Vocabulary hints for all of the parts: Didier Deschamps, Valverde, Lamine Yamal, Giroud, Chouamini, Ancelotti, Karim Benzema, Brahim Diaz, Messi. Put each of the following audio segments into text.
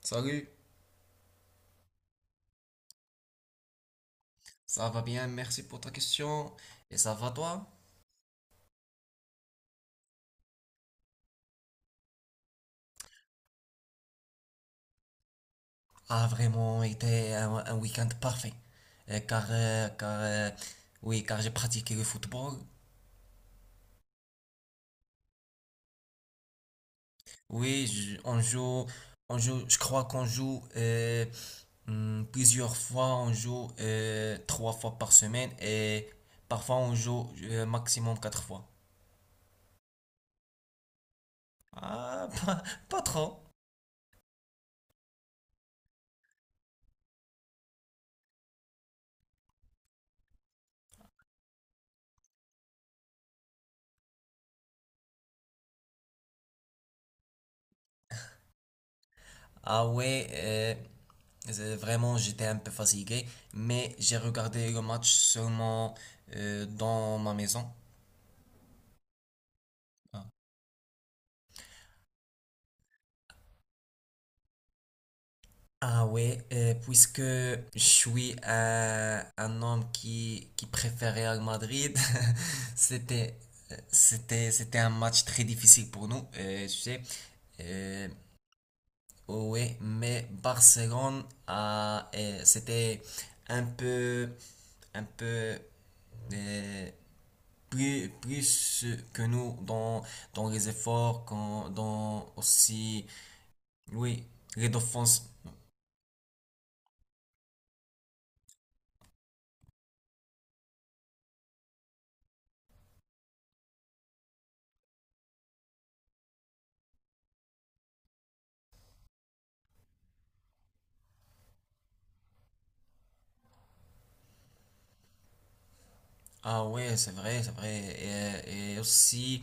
Salut, ça va bien, merci pour ta question. Et ça va toi? A vraiment été un week-end parfait. Euh, car, euh, car, euh, oui, car j'ai pratiqué le football. Oui, je crois qu'on joue plusieurs fois. On joue trois fois par semaine et parfois on joue maximum quatre fois. Ah, pas trop. Ah ouais, euh, vraiment j'étais un peu fatigué, mais j'ai regardé le match seulement dans ma maison. Ah. Ouais, puisque je suis un homme qui préfère Real Madrid, c'était, c'était un match très difficile pour nous, tu sais. Euh, oh ouais, mais Barcelone a, c'était un peu, un peu, euh, plus que nous dans les efforts, quand dans aussi, oui, les dauphins. Ah ouais, c'est vrai, c'est vrai. Et aussi,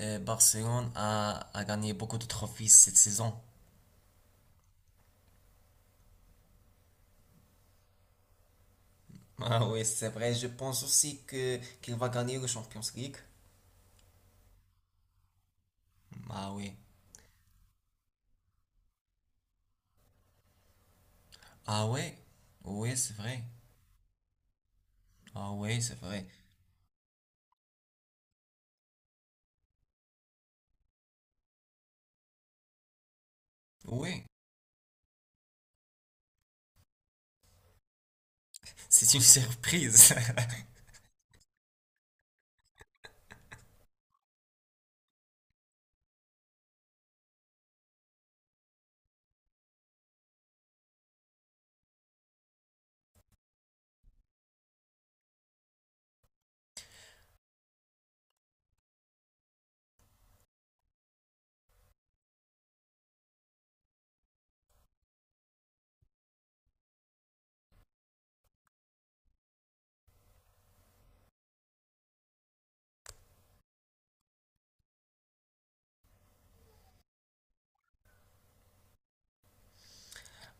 Barcelone a gagné beaucoup de trophées cette saison. Ah oui, c'est vrai, je pense aussi que qu'il va gagner le Champions League. Ah oui. Ah ouais. Oui, c'est vrai. Ah oui, c'est vrai. Oui, c'est une surprise.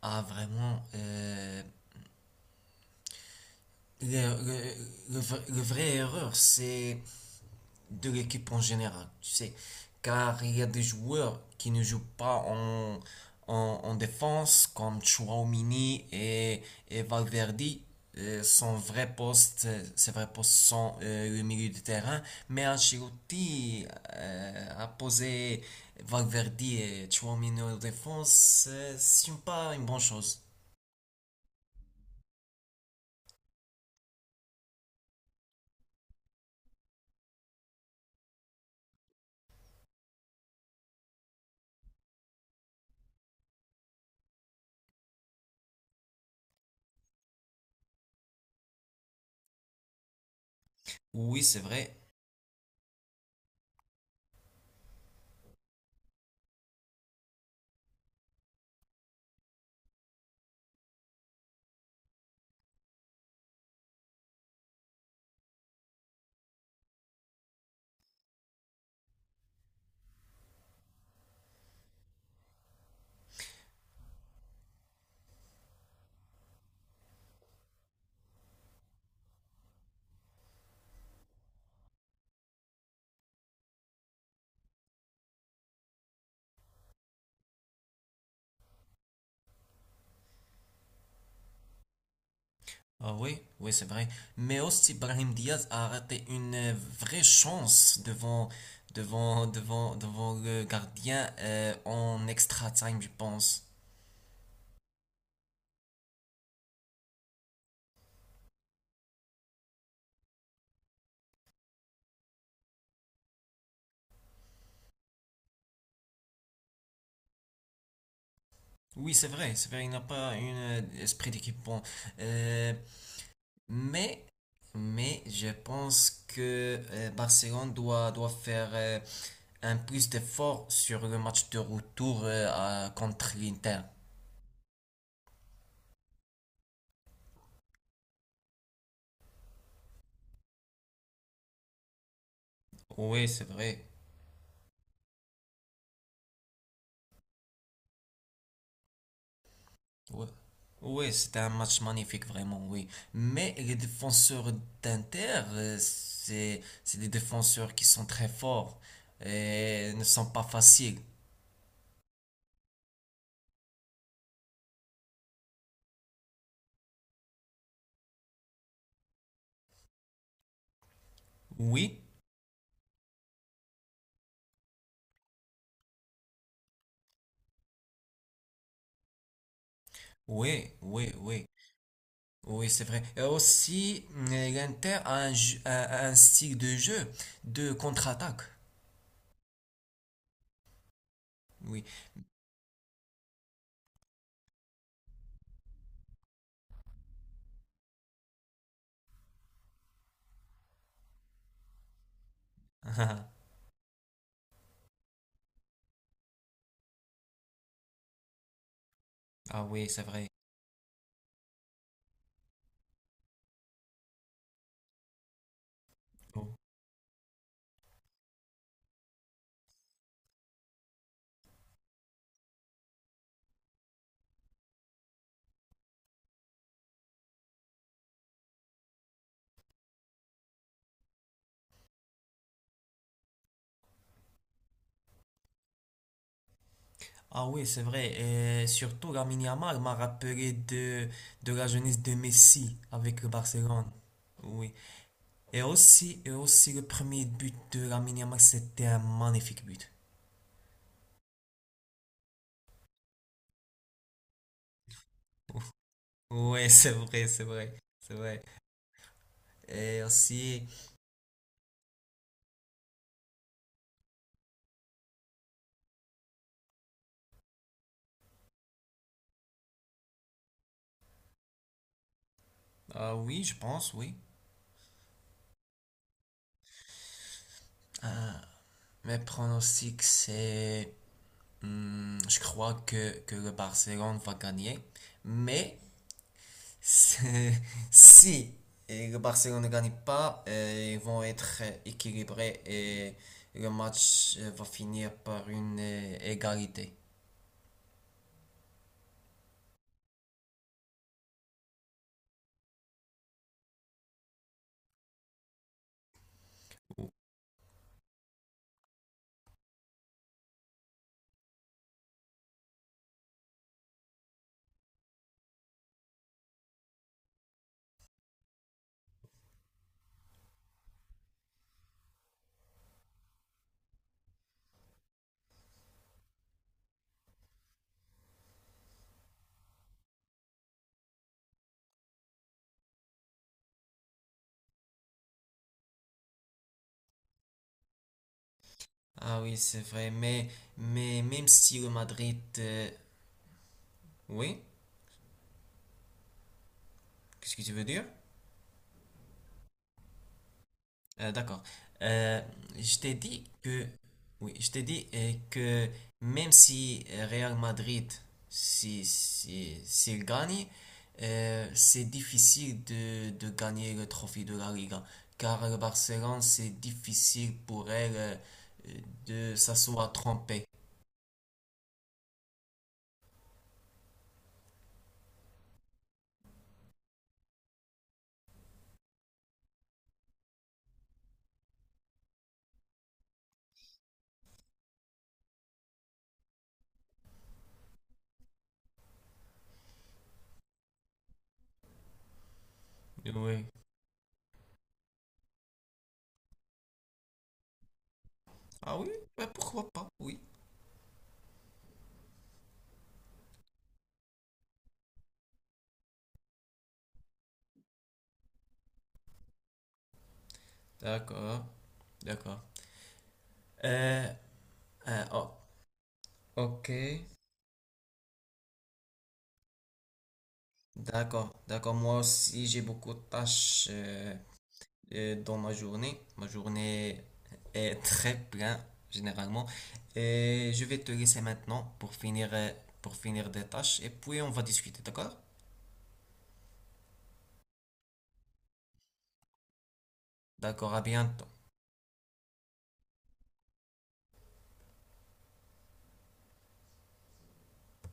Ah vraiment, Le, le, le vrai erreur, c'est de l'équipe en général, tu sais. Car il y a des joueurs qui ne jouent pas en, en défense, comme Chouamini et Valverde. Son vrai poste, ses vrais postes sont le milieu de terrain. Mais Ancelotti a posé Valverde et Chouamini en défense. C'est pas une bonne chose. Oui, c'est vrai. Ah oui, oui, c'est vrai. Mais aussi, Brahim Diaz a raté une vraie chance devant le gardien en extra time, je pense. Oui, c'est vrai, il n'a pas un esprit d'équipe bon. Euh, mais, mais je pense que Barcelone doit faire un plus d'effort sur le match de retour contre l'Inter. Oui, c'est vrai. Ouais. Ouais, c'était un match magnifique, vraiment, oui. Mais les défenseurs d'Inter, c'est des défenseurs qui sont très forts et ne sont pas faciles. Oui, oui, oui, oui. Oui, c'est vrai. Et aussi, l'Inter a un style de jeu de contre-attaque. Oui. Ah oui, c'est vrai. Ah oui, c'est vrai. Et surtout, Lamine Yamal m'a rappelé de la jeunesse de Messi avec le Barcelone. Oui. Et aussi le premier but de Lamine Yamal, c'était un magnifique but. Oui, c'est vrai, c'est vrai, c'est vrai. Et aussi, ah oui, je pense, oui. Ah, mes pronostics, c'est... je crois que le Barcelone va gagner. Mais si le Barcelone ne gagne pas, ils vont être équilibrés et le match va finir par une égalité. Ah oui, c'est vrai, mais même si le Madrid... euh. Oui? Qu'est-ce que tu veux dire? D'accord. Euh, je t'ai dit que, oui, je t'ai dit que même si Real Madrid, si, si, s'il gagne, c'est difficile de gagner le trophée de la Liga, car le Barcelone, c'est difficile pour elle euh, de s'asseoir trompée. Oui. Ah oui, bah pourquoi pas, oui. D'accord, d'accord. Euh, oh, ok. D'accord, d'accord. Moi aussi, j'ai beaucoup de tâches dans ma journée. Ma journée est très pleine, généralement. Et je vais te laisser maintenant pour finir des tâches. Et puis, on va discuter, d'accord? D'accord, à bientôt.